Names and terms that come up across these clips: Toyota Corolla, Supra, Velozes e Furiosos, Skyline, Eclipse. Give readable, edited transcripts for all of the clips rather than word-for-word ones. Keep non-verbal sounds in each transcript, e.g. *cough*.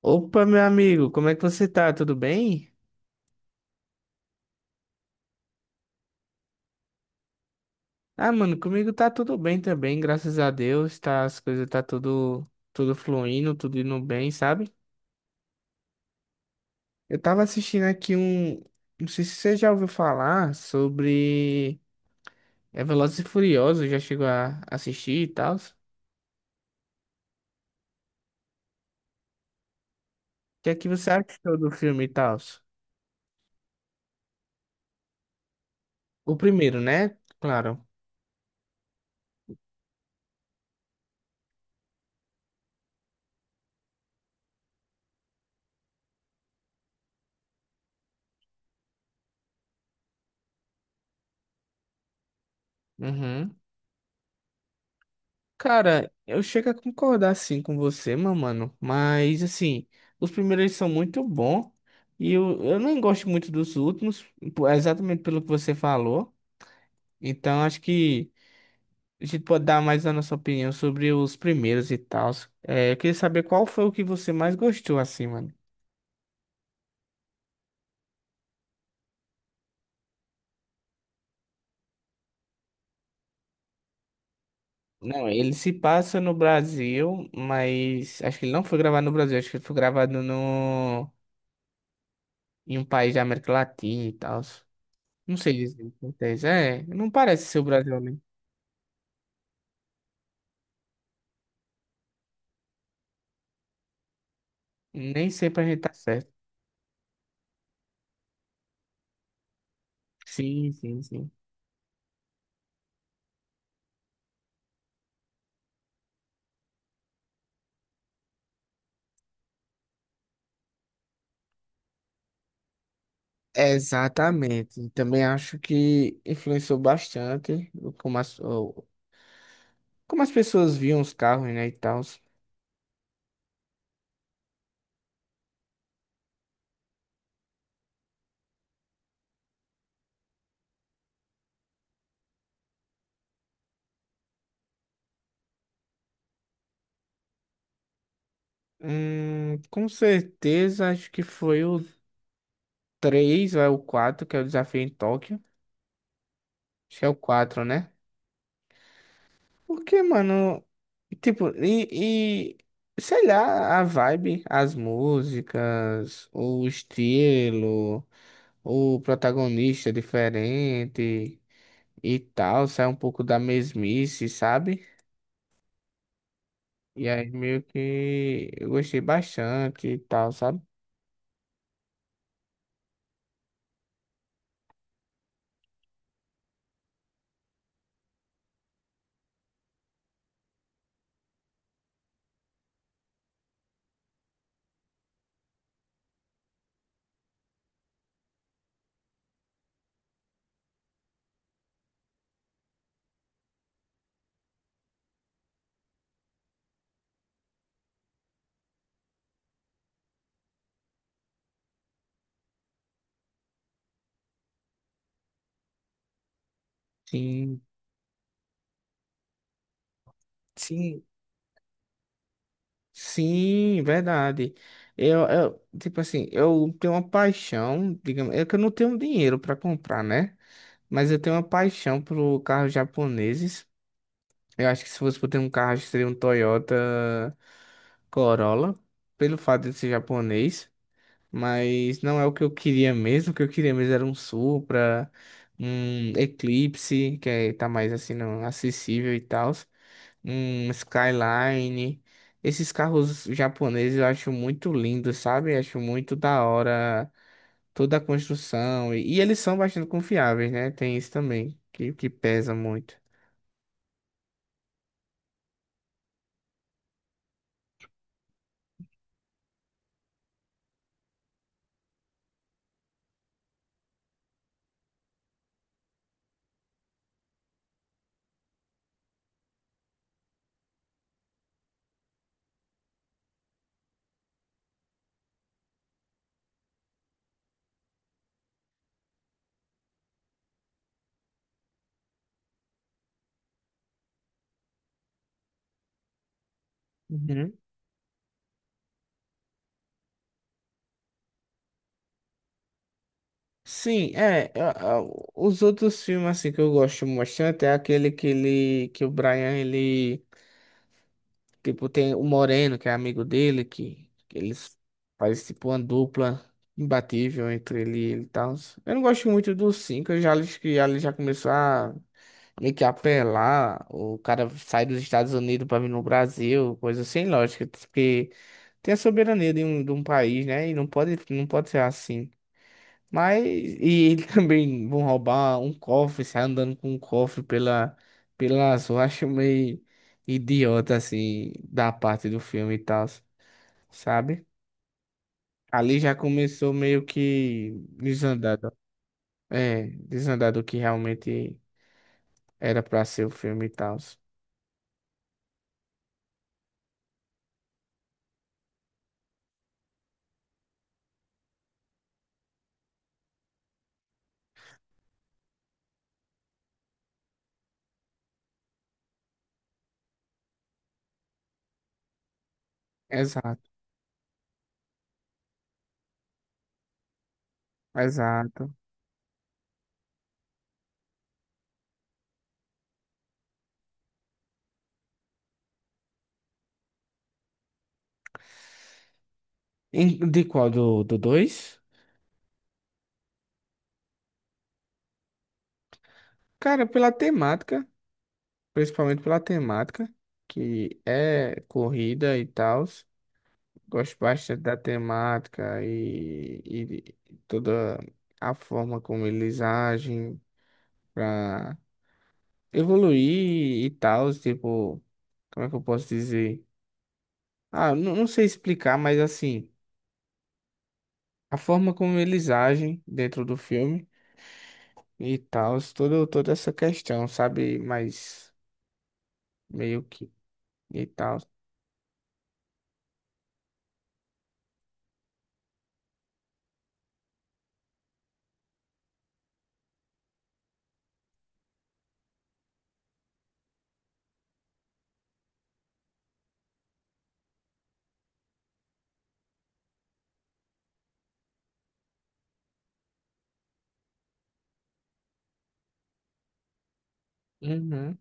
Opa, meu amigo, como é que você tá? Tudo bem? Ah, mano, comigo tá tudo bem também, graças a Deus, tá, as coisas tá tudo fluindo, tudo indo bem, sabe? Eu tava assistindo aqui um, não sei se você já ouviu falar sobre Velozes e Furiosos, já chegou a assistir e tal. O que é que você achou do filme e tal? O primeiro, né? Claro. Uhum. Cara, eu chego a concordar sim com você, meu mano. Mas assim, os primeiros são muito bons. E eu nem gosto muito dos últimos, exatamente pelo que você falou. Então acho que a gente pode dar mais a nossa opinião sobre os primeiros e tal. É, eu queria saber qual foi o que você mais gostou, assim, mano. Não, ele se passa no Brasil, mas acho que ele não foi gravado no Brasil, acho que ele foi gravado no em um país da América Latina e tal. Não sei dizer o que acontece. É, não parece ser o Brasil, né? Nem sempre a gente tá certo. Sim, sim, sim. Exatamente. Também acho que influenciou bastante como as pessoas viam os carros, né, e tal. Com certeza, acho que foi o 3 ou é o 4 que é o desafio em Tóquio. Acho que é o quatro, né? Porque, mano, tipo, sei lá, a vibe, as músicas, o estilo. O protagonista é diferente e tal, sai um pouco da mesmice, sabe? E aí meio que eu gostei bastante e tal, sabe? Sim, sim, sim, verdade. Tipo assim, eu tenho uma paixão, digamos, é que eu não tenho dinheiro para comprar, né? Mas eu tenho uma paixão por carros japoneses. Eu acho que se fosse por ter um carro, seria um Toyota Corolla, pelo fato de ser japonês. Mas não é o que eu queria mesmo. O que eu queria mesmo era um Supra, um Eclipse, que é, tá mais assim, não, acessível e tal. Um Skyline. Esses carros japoneses eu acho muito lindos, sabe? Acho muito da hora toda a construção. E eles são bastante confiáveis, né? Tem isso também, que pesa muito. Uhum. Sim, é. Os outros filmes assim que eu gosto bastante é aquele que, ele, que o Brian ele tipo, tem o Moreno, que é amigo dele, que eles fazem tipo uma dupla imbatível entre ele e ele e tal. Eu não gosto muito dos cinco, eu já acho que ele já começou a meio que apelar. O cara sai dos Estados Unidos pra vir no Brasil, coisa sem lógica, porque tem a soberania de um país, né? E não pode ser assim. Mas, e ele *laughs* também vão roubar um cofre, sair andando com um cofre pela, pela rua. Acho meio idiota, assim, da parte do filme e tal, sabe? Ali já começou meio que desandado. É, desandado o que realmente era pra ser o filme e tal. Exato, exato. Em- De qual? Do dois? Cara, pela temática, principalmente pela temática, que é corrida e tal. Gosto bastante da temática e de toda a forma como eles agem para evoluir e tal, tipo, como é que eu posso dizer? Ah, não sei explicar, mas assim, a forma como eles agem dentro do filme e tal, toda, toda essa questão, sabe? Mas meio que e tal. Uhum.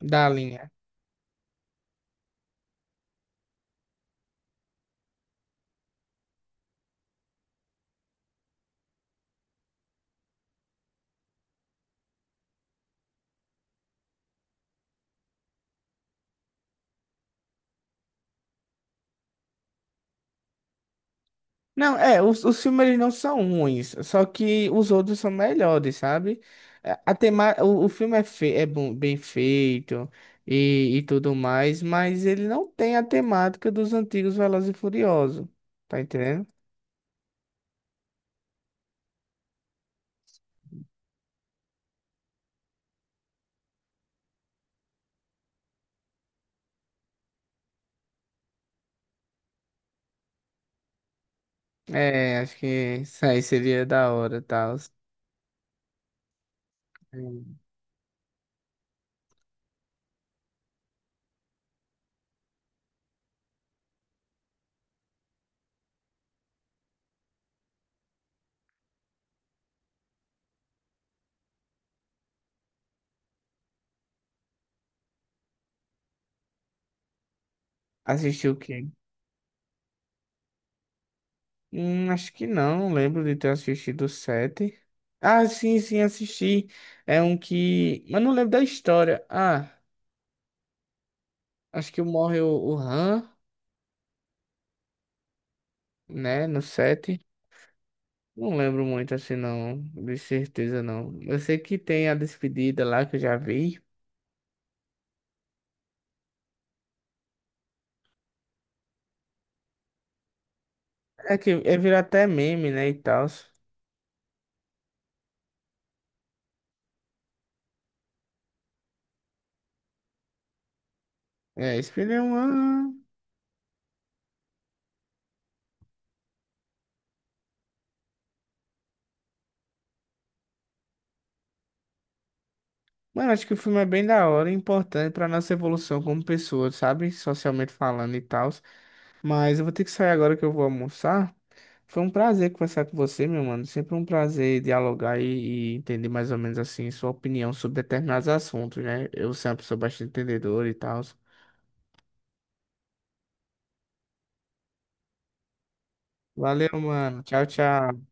Da linha. Não, é, os filmes eles não são ruins, só que os outros são melhores, sabe? A tema, o filme é, fe, é bom, bem feito e tudo mais, mas ele não tem a temática dos antigos Velozes e Furiosos, tá entendendo? É, acho que isso aí seria da hora, tal. Assistiu o quê? Acho que não, não lembro de ter assistido o 7. Ah, sim, sim, assisti. É um que. Mas não lembro da história. Ah, acho que morre o Han. Né? No set. Não lembro muito assim, não. De certeza, não. Eu sei que tem a despedida lá que eu já vi. É que é virar até meme, né? E tal. É, esse filme é uma. Mano, acho que o filme é bem da hora e importante pra nossa evolução como pessoa, sabe? Socialmente falando e tal. Mas eu vou ter que sair agora que eu vou almoçar. Foi um prazer conversar com você, meu mano. Sempre um prazer dialogar e entender mais ou menos assim sua opinião sobre determinados assuntos, né? Eu sou uma pessoa bastante entendedora e tal. Valeu, mano. Tchau, tchau.